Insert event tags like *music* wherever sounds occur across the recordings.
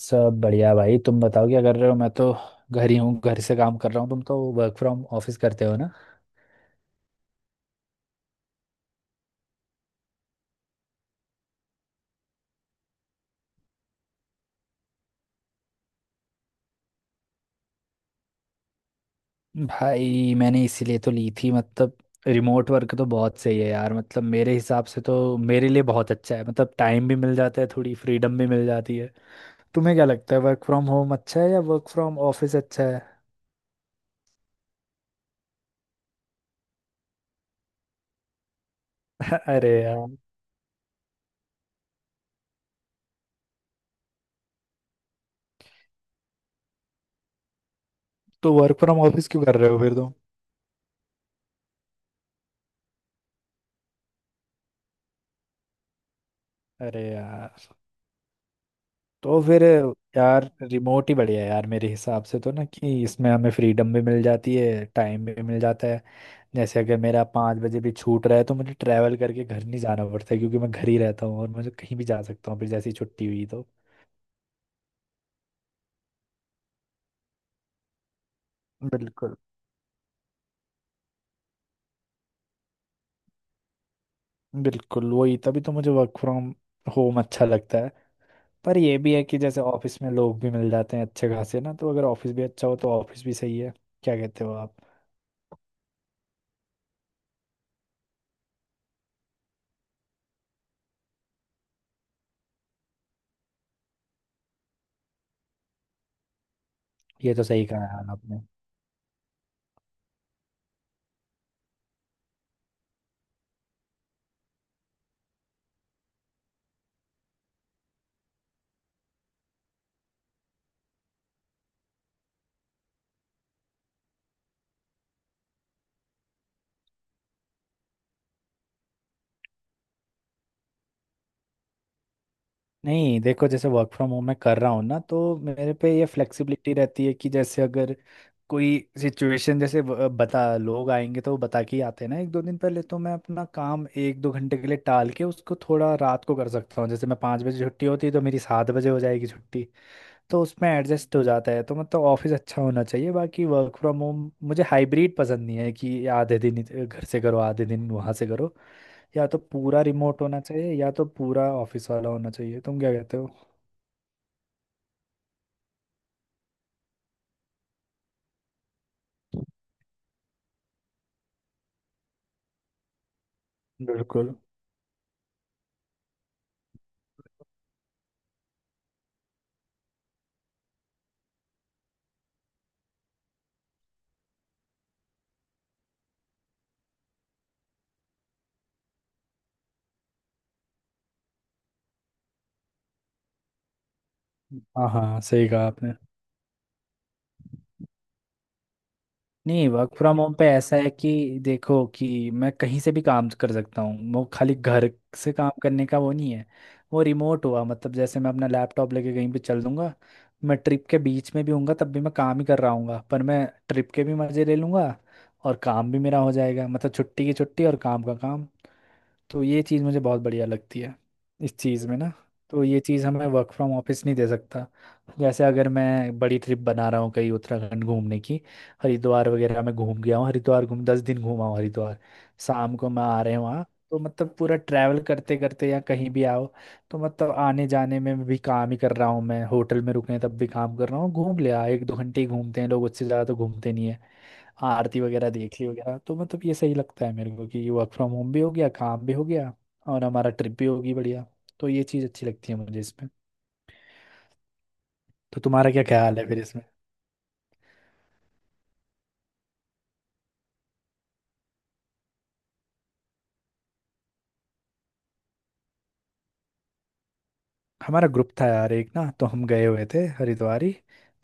सब बढ़िया भाई। तुम बताओ क्या कर रहे हो। मैं तो घर ही हूँ, घर से काम कर रहा हूँ। तुम तो वर्क फ्रॉम ऑफिस करते हो ना। भाई मैंने इसीलिए तो ली थी, मतलब रिमोट वर्क तो बहुत सही है यार। मतलब मेरे हिसाब से तो मेरे लिए बहुत अच्छा है। मतलब टाइम भी मिल जाता है, थोड़ी फ्रीडम भी मिल जाती है। तुम्हें क्या लगता है, वर्क फ्रॉम होम अच्छा है या वर्क फ्रॉम ऑफिस अच्छा है? *laughs* अरे यार। तो वर्क फ्रॉम ऑफिस क्यों कर रहे हो फिर तुम? अरे यार। तो फिर यार रिमोट ही बढ़िया है यार मेरे हिसाब से तो ना, कि इसमें हमें फ्रीडम भी मिल जाती है, टाइम भी मिल जाता है। जैसे अगर मेरा 5 बजे भी छूट रहा है तो मुझे ट्रैवल करके घर नहीं जाना पड़ता है, क्योंकि मैं घर ही रहता हूँ। और मुझे कहीं भी जा सकता हूँ फिर, जैसी छुट्टी हुई तो। बिल्कुल, बिल्कुल वही, तभी तो मुझे वर्क फ्रॉम होम अच्छा लगता है। पर ये भी है कि जैसे ऑफिस में लोग भी मिल जाते हैं अच्छे खासे ना, तो अगर ऑफिस भी अच्छा हो तो ऑफिस भी सही है। क्या कहते हो आप? ये तो सही कहा यार। नहीं, देखो, जैसे वर्क फ्रॉम होम मैं कर रहा हूँ ना तो मेरे पे ये फ्लेक्सिबिलिटी रहती है कि जैसे अगर कोई सिचुएशन जैसे बता, लोग आएंगे तो वो बता के ही आते हैं ना एक दो दिन पहले। तो मैं अपना काम एक दो घंटे के लिए टाल के उसको थोड़ा रात को कर सकता हूँ। जैसे मैं 5 बजे छुट्टी होती है तो मेरी 7 बजे हो जाएगी छुट्टी। तो उसमें एडजस्ट हो जाता है। तो मतलब ऑफिस अच्छा होना चाहिए। बाकी वर्क फ्रॉम होम, मुझे हाइब्रिड पसंद नहीं है कि आधे दिन घर से करो, आधे दिन वहाँ से करो। या तो पूरा रिमोट होना चाहिए या तो पूरा ऑफिस वाला होना चाहिए। तुम क्या कहते हो? बिल्कुल। हाँ हाँ, सही कहा आपने। नहीं, वर्क फ्रॉम होम पे ऐसा है कि देखो कि मैं कहीं से भी काम कर सकता हूँ। वो खाली घर से काम करने का वो नहीं है। वो रिमोट हुआ मतलब, जैसे मैं अपना लैपटॉप लेके कहीं पे चल दूंगा। मैं ट्रिप के बीच में भी हूँगा तब भी मैं काम ही कर रहा हूँगा, पर मैं ट्रिप के भी मज़े ले लूँगा और काम भी मेरा हो जाएगा। मतलब छुट्टी की छुट्टी और काम का काम। तो ये चीज़ मुझे बहुत बढ़िया लगती है इस चीज़ में ना। तो ये चीज़ हमें वर्क फ्रॉम ऑफिस नहीं दे सकता। जैसे अगर मैं बड़ी ट्रिप बना रहा हूँ कहीं उत्तराखंड घूमने की, हरिद्वार वगैरह में घूम गया हूँ। हरिद्वार घूम 10 दिन घूमा हूँ हरिद्वार। शाम को मैं आ रहे हैं वहाँ। तो मतलब पूरा ट्रैवल करते करते या कहीं भी आओ तो मतलब आने जाने में भी काम ही कर रहा हूँ। मैं होटल में रुके हैं तब भी काम कर रहा हूँ। घूम लिया एक दो घंटे, ही घूमते हैं लोग, उससे ज़्यादा तो घूमते नहीं है। आरती वगैरह देख ली वगैरह। तो मतलब ये सही लगता है मेरे को कि वर्क फ्रॉम होम भी हो गया, काम भी हो गया और हमारा ट्रिप भी होगी बढ़िया। तो ये चीज़ अच्छी लगती है मुझे इसमें। तो तुम्हारा क्या ख्याल है फिर इसमें? हमारा ग्रुप था यार एक ना, तो हम गए हुए थे हरिद्वार ही।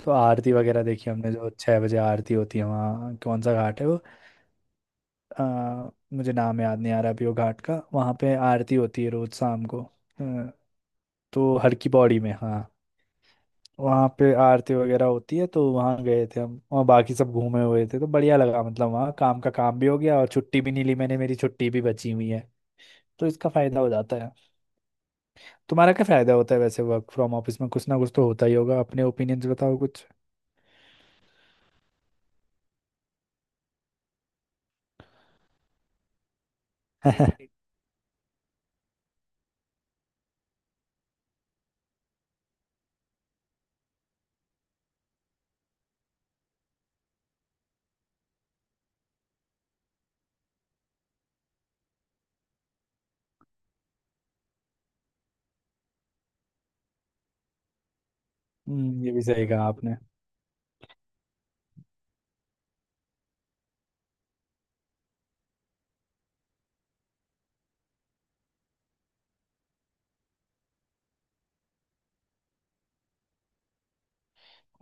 तो आरती वगैरह देखी हमने जो 6 बजे आरती होती है वहाँ, कौन सा घाट है वो, मुझे नाम याद नहीं आ रहा अभी वो घाट का। वहाँ पे आरती होती है रोज शाम को। तो हर की पौड़ी में हाँ। वहाँ पे आरती वगैरह होती है, तो वहाँ गए थे हम और बाकी सब घूमे हुए थे। तो बढ़िया लगा, मतलब वहाँ काम का काम भी हो गया और छुट्टी भी नहीं ली मैंने, मेरी छुट्टी भी बची हुई है। तो इसका फायदा हो जाता है। तुम्हारा क्या फायदा होता है वैसे वर्क फ्रॉम ऑफिस में? कुछ ना कुछ तो होता ही होगा, अपने ओपिनियंस बताओ कुछ। *laughs* ये भी सही कहा आपने।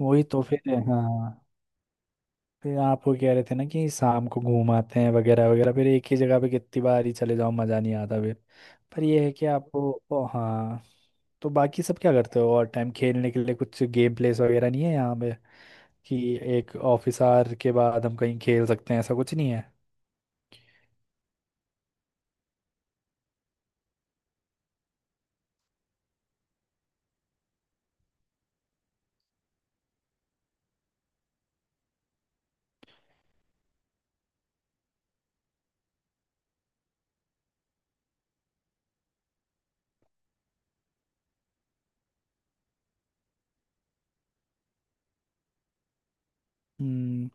वही तो, फिर हाँ। फिर आप वो कह रहे थे ना कि शाम को घूम आते हैं वगैरह वगैरह। फिर एक ही जगह पे कितनी बार ही चले जाओ मज़ा नहीं आता फिर। पर ये है कि आपको, ओ हाँ। तो बाकी सब क्या करते हो? और टाइम, खेलने के लिए कुछ गेम प्लेस वगैरह नहीं है यहाँ पे, कि एक ऑफिस आवर के बाद हम कहीं खेल सकते हैं? ऐसा कुछ नहीं है। हम्म।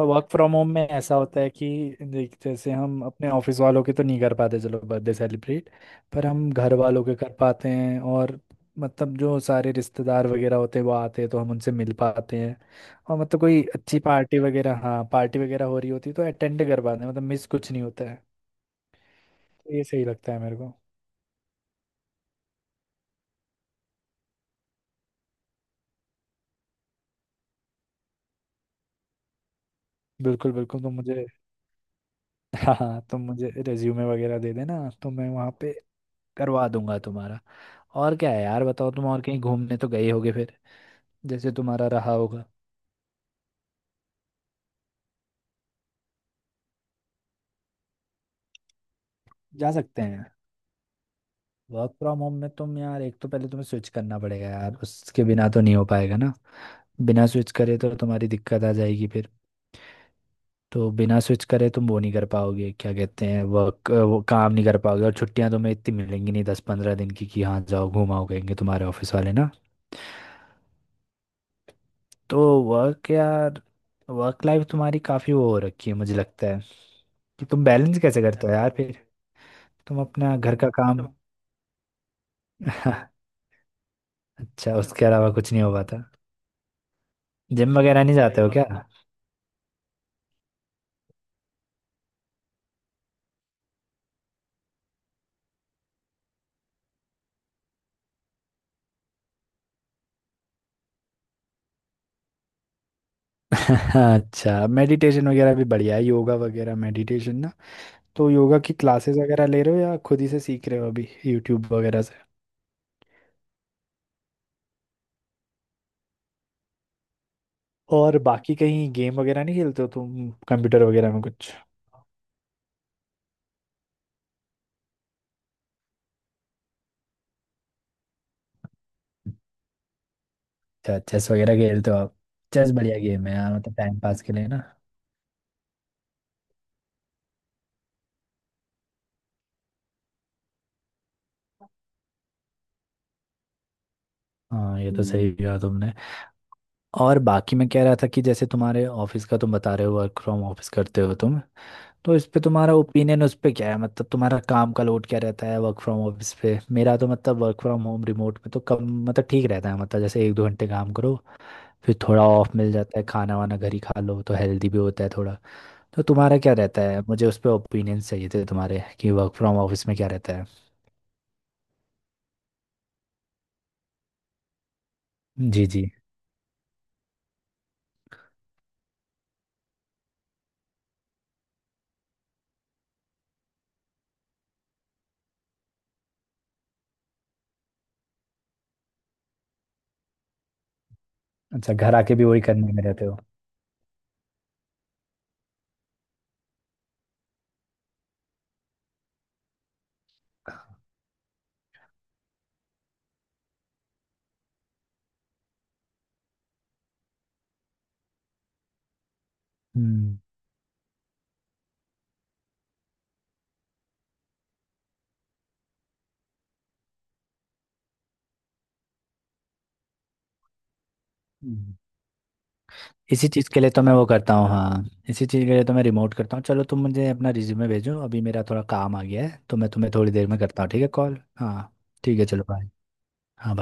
वर्क फ्रॉम होम में ऐसा होता है कि देख, जैसे हम अपने ऑफिस वालों के तो नहीं कर पाते चलो बर्थडे सेलिब्रेट, पर हम घर वालों के कर पाते हैं। और मतलब जो सारे रिश्तेदार वगैरह होते हैं वो आते हैं तो हम उनसे मिल पाते हैं। और मतलब कोई अच्छी पार्टी वगैरह, हाँ पार्टी वगैरह हो रही होती है तो अटेंड कर पाते हैं। मतलब मिस कुछ नहीं होता है। तो ये सही लगता है मेरे को। बिल्कुल, बिल्कुल। तो मुझे *laughs* हाँ हाँ, तो मुझे रेज्यूमे वगैरह दे देना तो मैं वहाँ पे करवा दूंगा तुम्हारा। और क्या है यार? बताओ तुम और कहीं घूमने तो गए होगे फिर, जैसे तुम्हारा रहा होगा। जा सकते हैं। वर्क फ्रॉम होम में तुम, यार एक तो पहले तुम्हें स्विच करना पड़ेगा यार, उसके बिना तो नहीं हो पाएगा ना। बिना स्विच करे तो तुम्हारी दिक्कत आ जाएगी फिर। तो बिना स्विच करे तुम वो नहीं कर पाओगे, क्या कहते हैं वर्क, वो काम नहीं कर पाओगे। और छुट्टियां तुम्हें इतनी मिलेंगी नहीं, 10-15 दिन की, कि हाँ जाओ घुमाओ कहेंगे तुम्हारे ऑफिस वाले ना। तो वर्क, यार वर्क लाइफ तुम्हारी काफी वो हो रखी है मुझे लगता है, कि तुम बैलेंस कैसे करते हो यार फिर? तुम अपना घर का काम *laughs* अच्छा उसके अलावा कुछ नहीं हो पाता? जिम वगैरह नहीं जाते नहीं हो क्या? *laughs* पापा, अच्छा मेडिटेशन वगैरह भी बढ़िया है, योगा वगैरह मेडिटेशन ना। तो योगा की क्लासेस वगैरह ले रहे हो या खुद ही से सीख रहे हो अभी यूट्यूब वगैरह से? और बाकी कहीं गेम वगैरह नहीं खेलते हो तुम कंप्यूटर वगैरह में कुछ? अच्छा चेस वगैरह खेलते हो आप? चेस बढ़िया गेम है यार, मतलब टाइम पास के लिए ना। हाँ ये तो, सही किया तुमने। और बाकी मैं कह रहा था कि जैसे तुम्हारे ऑफिस का, तुम बता रहे हो वर्क फ्रॉम ऑफिस करते हो तुम, तो इस पे तुम्हारा ओपिनियन उस पे क्या है। मतलब तुम्हारा काम का लोड क्या रहता है वर्क फ्रॉम ऑफिस पे? मेरा तो मतलब वर्क फ्रॉम होम रिमोट में तो कम, मतलब ठीक रहता है। मतलब जैसे एक दो घंटे काम करो फिर थोड़ा ऑफ मिल जाता है, खाना वाना घर ही खा लो तो हेल्दी भी होता है थोड़ा। तो तुम्हारा क्या रहता है, मुझे उस पे ओपिनियन चाहिए थे तुम्हारे कि वर्क फ्रॉम ऑफिस में क्या रहता है? जी जी। अच्छा घर आके भी वही करने में रहते हो? हम्म इसी चीज़ के लिए तो मैं वो करता हूँ हाँ। इसी चीज़ के लिए तो मैं रिमोट करता हूँ। चलो तुम मुझे अपना रिज्यूमे भेजो, अभी मेरा थोड़ा काम आ गया है तो मैं तुम्हें थोड़ी देर में करता हूँ, ठीक है कॉल। हाँ, ठीक है चलो बाय। हाँ bye।